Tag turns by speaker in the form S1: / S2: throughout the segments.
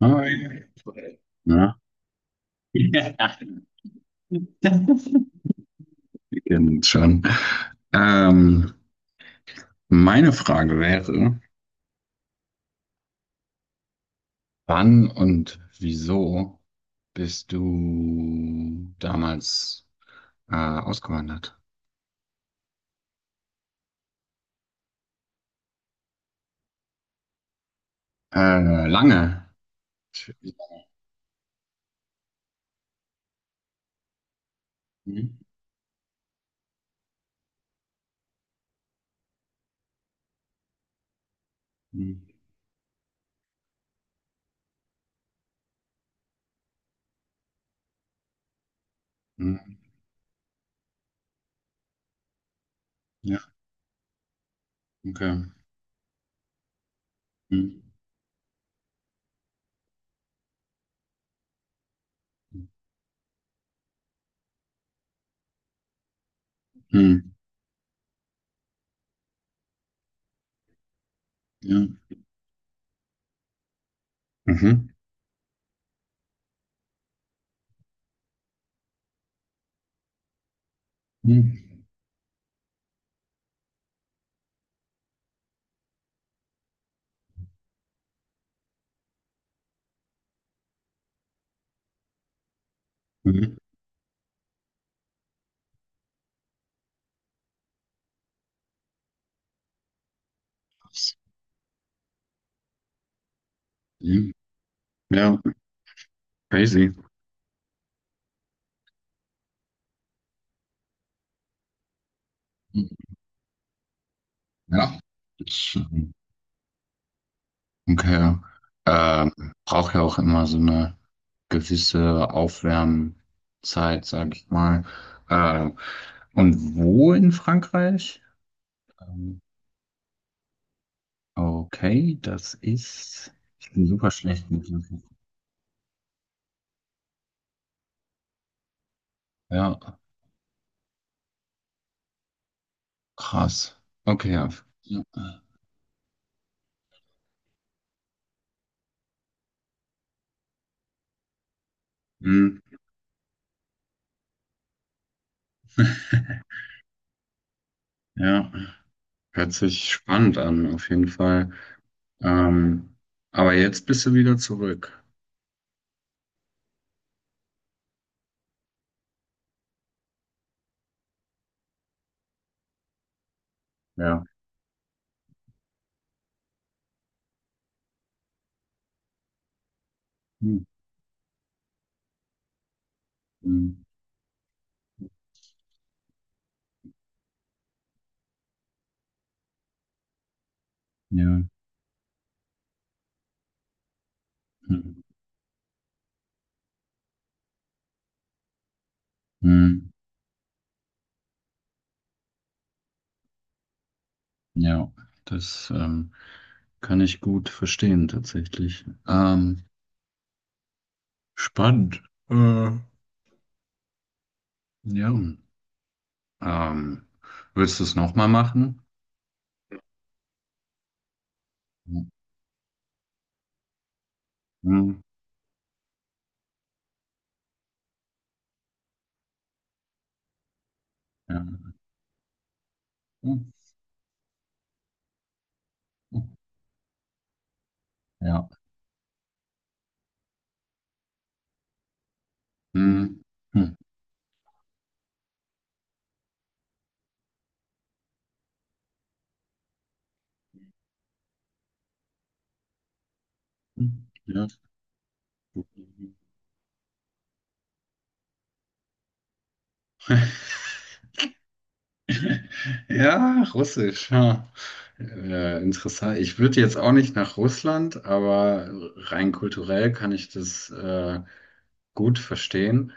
S1: Hi. Na? Ja. Wir kennen uns schon. Ähm, Meine Frage wäre, wann und wieso bist du damals ausgewandert? Lange. Hm, hm, hm, ja, okay. Hm, hm, ja, mhm, hm, mhm, hm. Ja, crazy. Ja. Okay. Braucht ja auch immer so eine gewisse Aufwärmzeit, sag ich mal. Ähm, und wo in Frankreich? Ähm, okay, das ist. Ich bin super schlecht mit dem. Ja, krass. Okay, ja. Ja. Hm. Ja, hört sich spannend an, auf jeden Fall. Ähm, aber jetzt bist du wieder zurück. Ja. Hm, hm, ja. Hm, hm. Ja, das kann ich gut verstehen tatsächlich. Spannend. Äh, ja. Ähm, Willst du es nochmal machen? Hm, hm, ja. Hm, hm, ja. Hm, hm, hm, ja. Ja, Russisch. Ha. Interessant. Ich würde jetzt auch nicht nach Russland, aber rein kulturell kann ich das gut verstehen.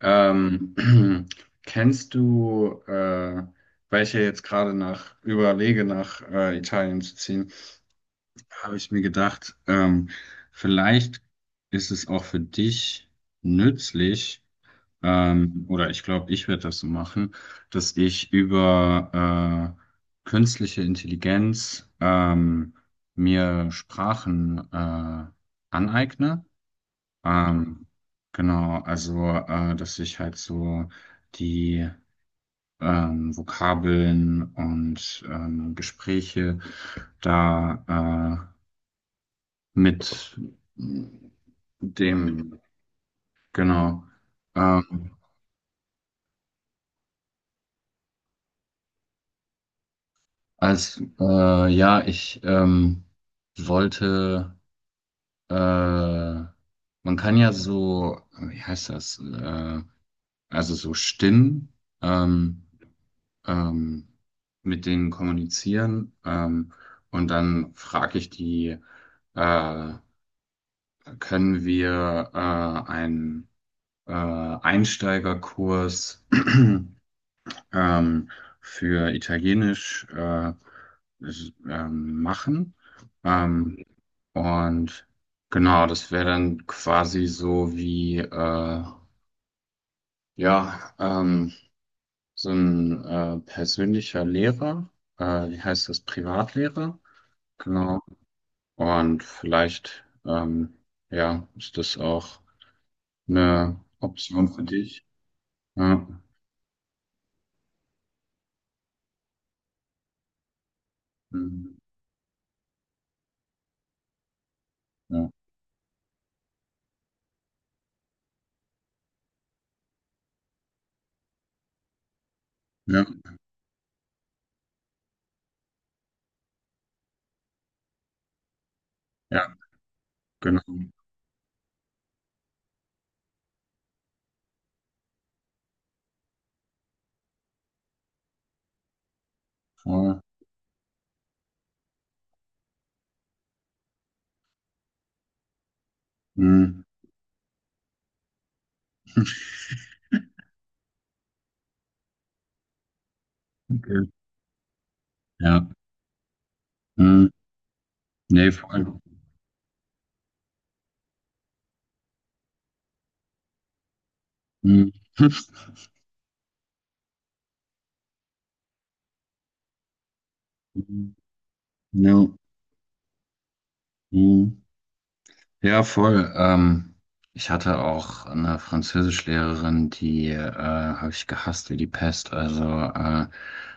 S1: Ähm, Kennst du, weil ich ja jetzt gerade nach überlege, nach Italien zu ziehen, habe ich mir gedacht, vielleicht ist es auch für dich nützlich, oder ich glaube, ich werde das so machen, dass ich über künstliche Intelligenz mir Sprachen aneigne. Ähm, genau, also dass ich halt so die Vokabeln und Gespräche da mit dem, genau. ähm, ja, ich wollte, äh, man kann ja so, wie heißt das, also so Stimmen ähm, ähm, mit denen kommunizieren, und dann frage ich die, äh, können wir einen Einsteigerkurs ähm, für Italienisch machen? Ähm, Und genau, das wäre dann quasi so wie, ja, so ein persönlicher Lehrer. Wie heißt das? Privatlehrer. Genau. Und vielleicht, ja, ist das auch eine Option für dich. Ja, mhm, ja, ja, ja, genau. Voll. Mhm. Okay. Ja. Mhm. Nee, voll. Mhm. Mhm. Ja. Mhm. Ja, voll. Ich hatte auch eine Französischlehrerin, die habe ich gehasst wie die Pest. Also äh,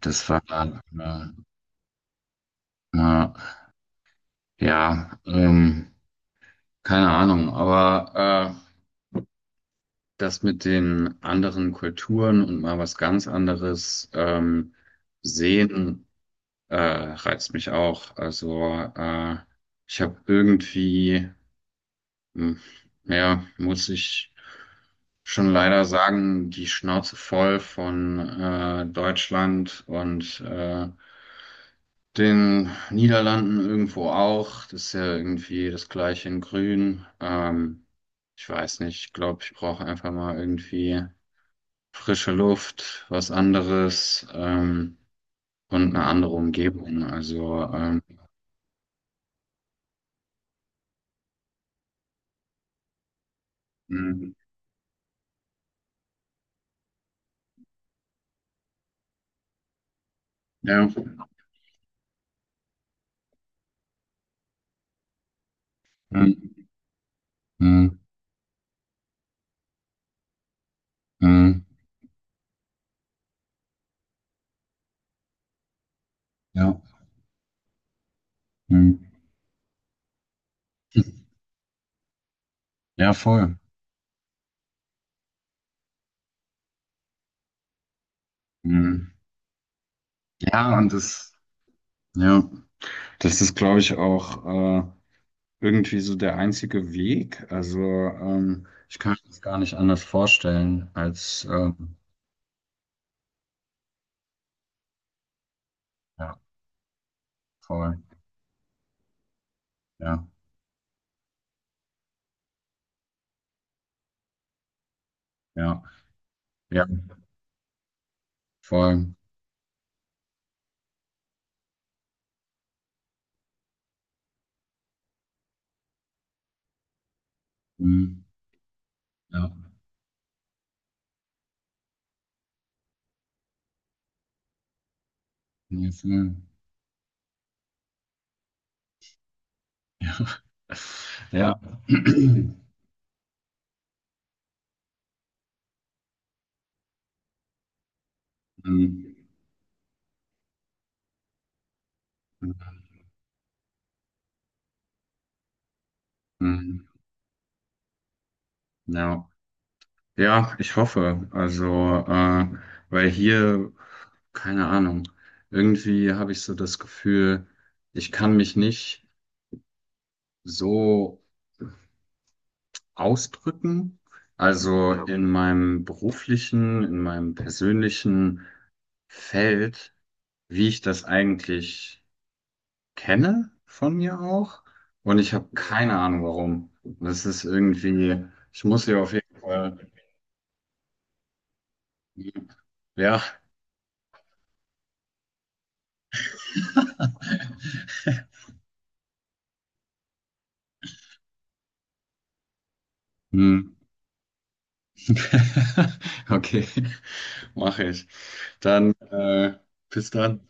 S1: das war na, ja, keine Ahnung. Aber das mit den anderen Kulturen und mal was ganz anderes sehen reizt mich auch. Also ich habe irgendwie hm. Ja, muss ich schon leider sagen, die Schnauze voll von Deutschland und den Niederlanden irgendwo auch. Das ist ja irgendwie das gleiche in Grün. Ich weiß nicht, ich glaube, ich brauche einfach mal irgendwie frische Luft, was anderes und eine andere Umgebung. Also, hm, ja, hm, hm, hm, hm, ja, hm, ja, voll. Hm. Ja, und das, ja, das ist, glaube ich, auch irgendwie so der einzige Weg. Also, ich kann mir das gar nicht anders vorstellen als, ja, voll, ja, ja, ja, voll, mhm, ja, nee, voll. Ja, mhm, mhm, ja, ja, ich hoffe, also, weil hier, keine Ahnung, irgendwie habe ich so das Gefühl, ich kann mich nicht so ausdrücken. Also ja, in meinem beruflichen, in meinem persönlichen Feld, wie ich das eigentlich kenne von mir auch. Und ich habe keine Ahnung, warum. Das ist irgendwie, ich muss hier auf jeden Fall, ja. Hm. Okay, mache ich. Dann bis dann.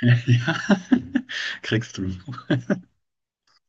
S1: Ja, kriegst du.